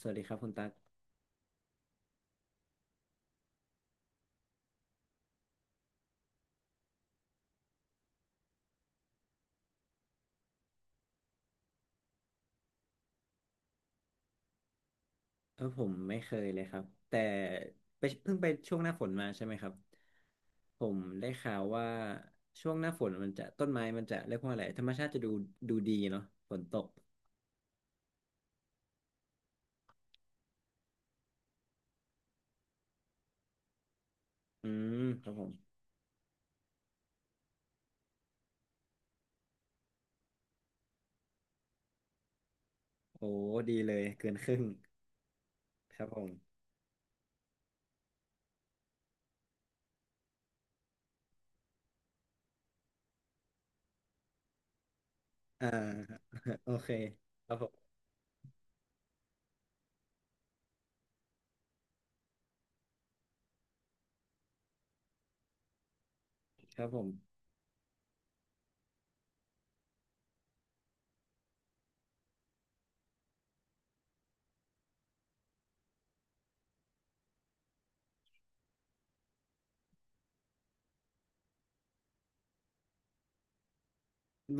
สวัสดีครับคุณตั๊กผมไม่เคยเลยครับ แต่ไปเพิ่งไปช่วงหน้าฝนมาใช่ไหมครับ ผมได้ข่าวว่าช่วงหน้าฝนมันจะต้นไม้มันจะเรียกว่าอะไรธรรมชาติจะดูดีเนาะฝนตกอืมครับผมโอ้ดีเลยเกินครึ่งครับผมอ่า โอเคครับผมครับผม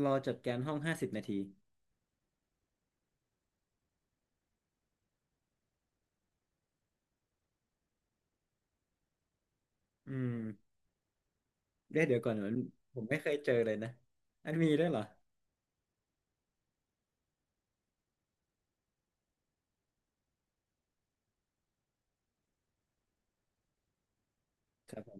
รอจัดการห้อง50 นาทีอืมเดี๋ยวก่อนมันผมไม่เคยเจอเลยนะอันมีด้วยเหรอครับผม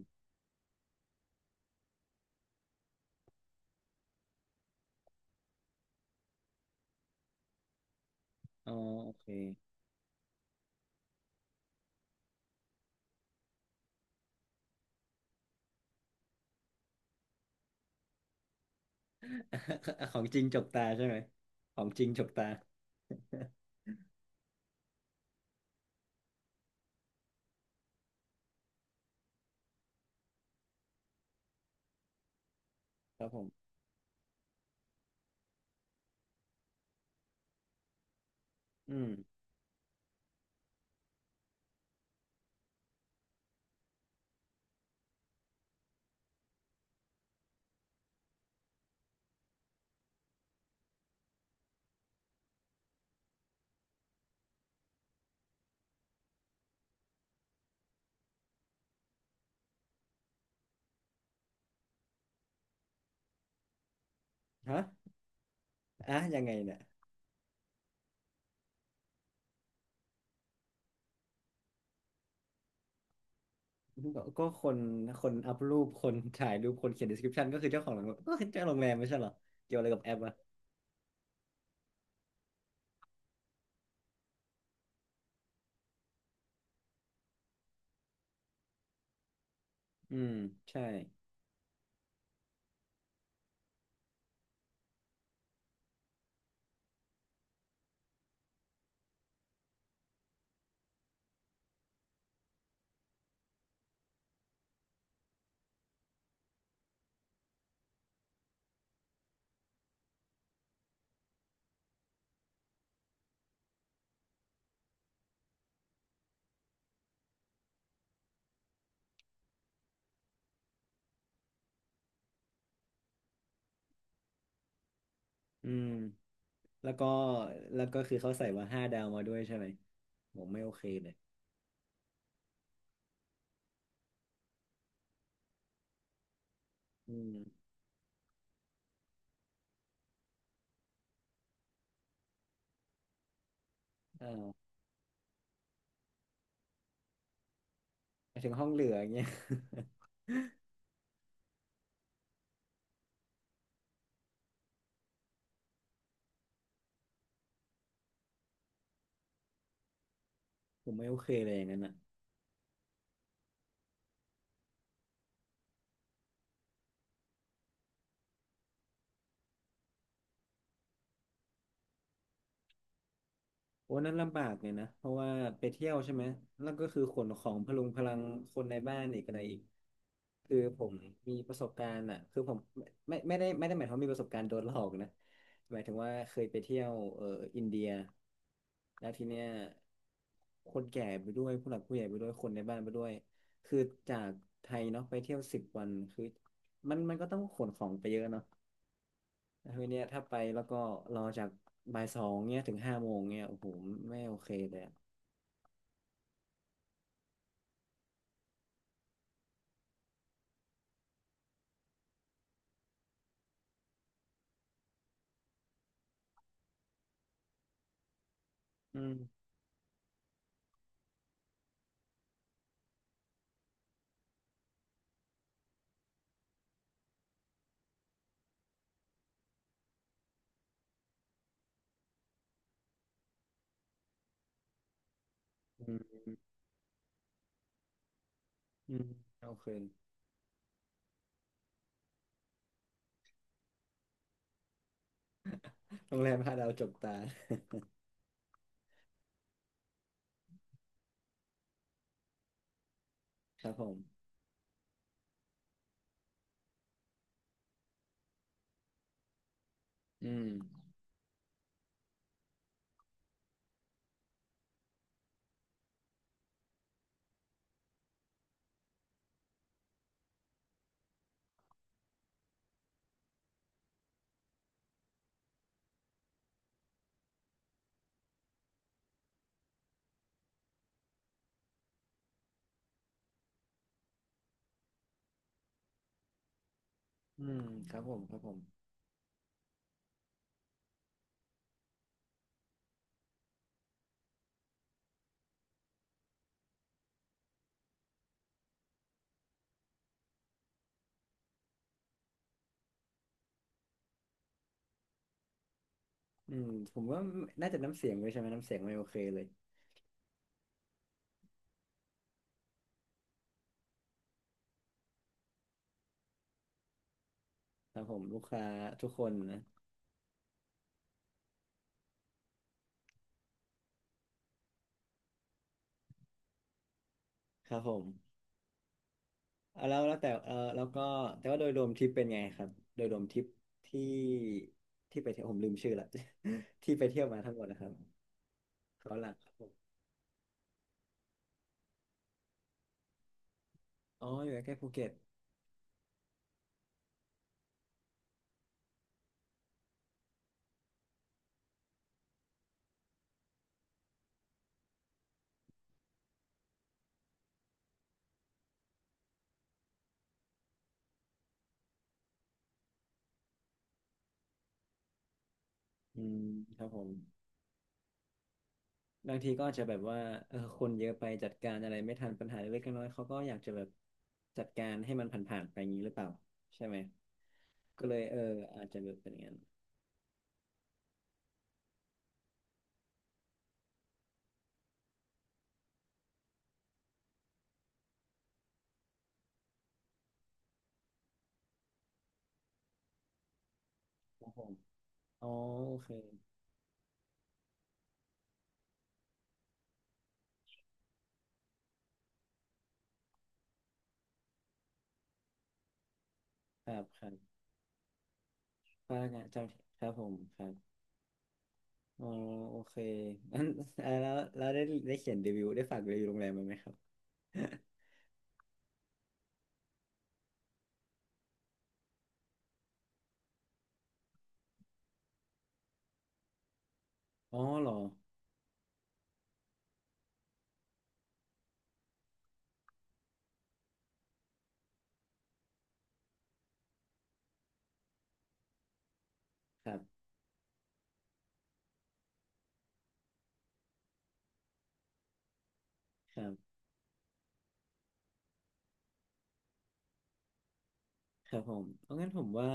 อ๋อโอเค ของจริงจกตาใช่ไหม ของจริงจกตาครับผมอืมฮะอ่ะยังไงเนี่ยก็คนคนอัพรูปคนถ่ายรูปคนเขียน description ก็คือเจ้าของโรงแรมก็คือเจ้าโรงแรมไม่ใช่เหรอเกี่ยวอะไรกับแอปอ่ะอืมใช่อืมแล้วก็แล้วก็คือเขาใส่ว่าห้าดาวมาด้วยใช่ไหมผมไม่โอเคเลยอืมอ่าหมายถึงห้องเหลืออย่างเงี้ย ผมไม่โอเคเลยอย่างนั้นอ่ะ โอ้นั่นลำบากเนี่ยนะเพราะว่าไปเที่ยวใช่ไหมแล้วก็คือขนของพลุงพลังคนในบ้านอีกอะไรอีกคือผมมีประสบการณ์อ่ะคือผมไม่ได้หมายความว่ามีประสบการณ์โดนหลอกนะหมายถึงว่าเคยไปเที่ยวอินเดียแล้วทีเนี้ยคนแก่ไปด้วยผู้หลักผู้ใหญ่ไปด้วยคนในบ้านไปด้วยคือจากไทยเนาะไปเที่ยว10 วันคือมันก็ต้องขนของไปเยอะเนาะ แล้วทีเนี้ยถ้าไปแล้วก็รอจากบ่ายสองเนี้ยถึงห้าโมงเนี้ยโอ้โหไม่โอเคเลยอะอืมอืมอืมไม่โอเคโรงแรมห้าดาวจบตา ครับผมอืมอืมครับผมครับผมอืมผมว่าน่าจะน้ำเสียงด้วยใช่ไหมน้ำเสียงไม่โอเคเลยครับผมลูกค้าทุกคนนะครับผมเอาแล้วแต่เออแล้วก็แต่ว่าโดยรวมทริปเป็นไงครับโดยรวมทริปที่ที่ไปเที่ยวผมลืมชื่อละ ที่ไปเที่ยวมาทั้งหมดนะครับเขาหลักครับผมอ๋ออยู่ใกล้ๆภูเก็ต อืมครับผมบางทีก็อาจจะแบบว่าเออคนเยอะไปจัดการอะไรไม่ทันปัญหาเล็กๆน้อยๆเขาก็อยากจะแบบจัดการให้มันผ่านๆไปอย่างนี้หรือเปล่าใช่ไหมก็เลยเอออาจจะแบบเป็นอย่างนั้นครับผมอ๋อโอเคครับครับพนักงานเจ้าที่ครับผมครับอ๋อโอเค งั้นเอ่อแล้วได้เขียนรีวิวได้ฝากรีวิวโรงแรมไว้ไหมครับ อ๋อเหรอครับครับ ครับผมเพราะงั้นผมว่า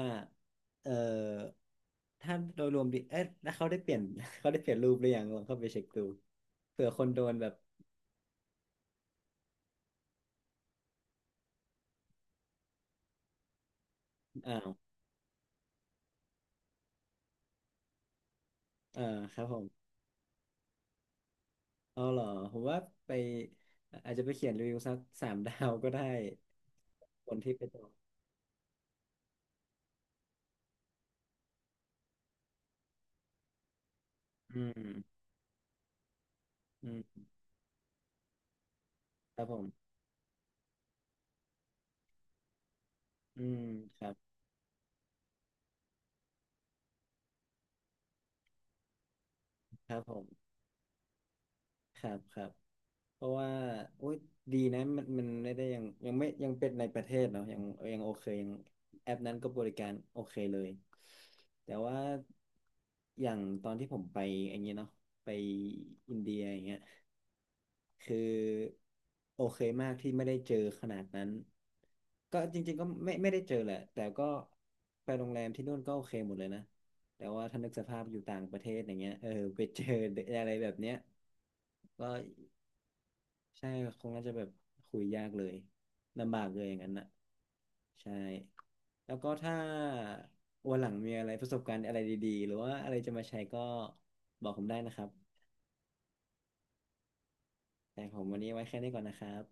เอ่อถ้าโดยรวมดีเอ๊ะแล้วเขาได้เปลี่ยน เขาได้เปลี่ยนรูปหรือยังลองเข้าไปเช็คดูเผื่อคนโดนแบบอ้าวเอาครับผมเอาเหรอผมว่าไปอาจจะไปเขียนรีวิวสักสาม ดาวก็ได้คนที่ไปต่ออืมอืมครับผมอืมครับครับผมครับครับ เพราะว่าโอ๊ยดีนะมันมันไม่ได้ยังยังไม่ยังเป็นในประเทศเนาะยังโอเคยังแอปนั้นก็บริการโอเคเลยแต่ว่าอย่างตอนที่ผมไปอย่างเงี้ยเนาะไปอินเดียอย่างเงี้ยคือโอเคมากที่ไม่ได้เจอขนาดนั้นก็จริงๆก็ไม่ได้เจอแหละแต่ก็ไปโรงแรมที่นู่นก็โอเคหมดเลยนะแต่ว่าถ้านึกสภาพอยู่ต่างประเทศอย่างเงี้ยเออไปเจออะไรแบบเนี้ยก็ ใช่ คงน่าจะแบบคุยยากเลยลำบากเลยอย่างนั้นน่ะใช่ แล้วก็ถ้าวันหลังมีอะไรประสบการณ์อะไรดีๆ หรือว่าอะไรจะมาแชร์ก็บอกผมได้นะครับ แต่ผมวันนี้ไว้แค่นี้ก่อนนะครับ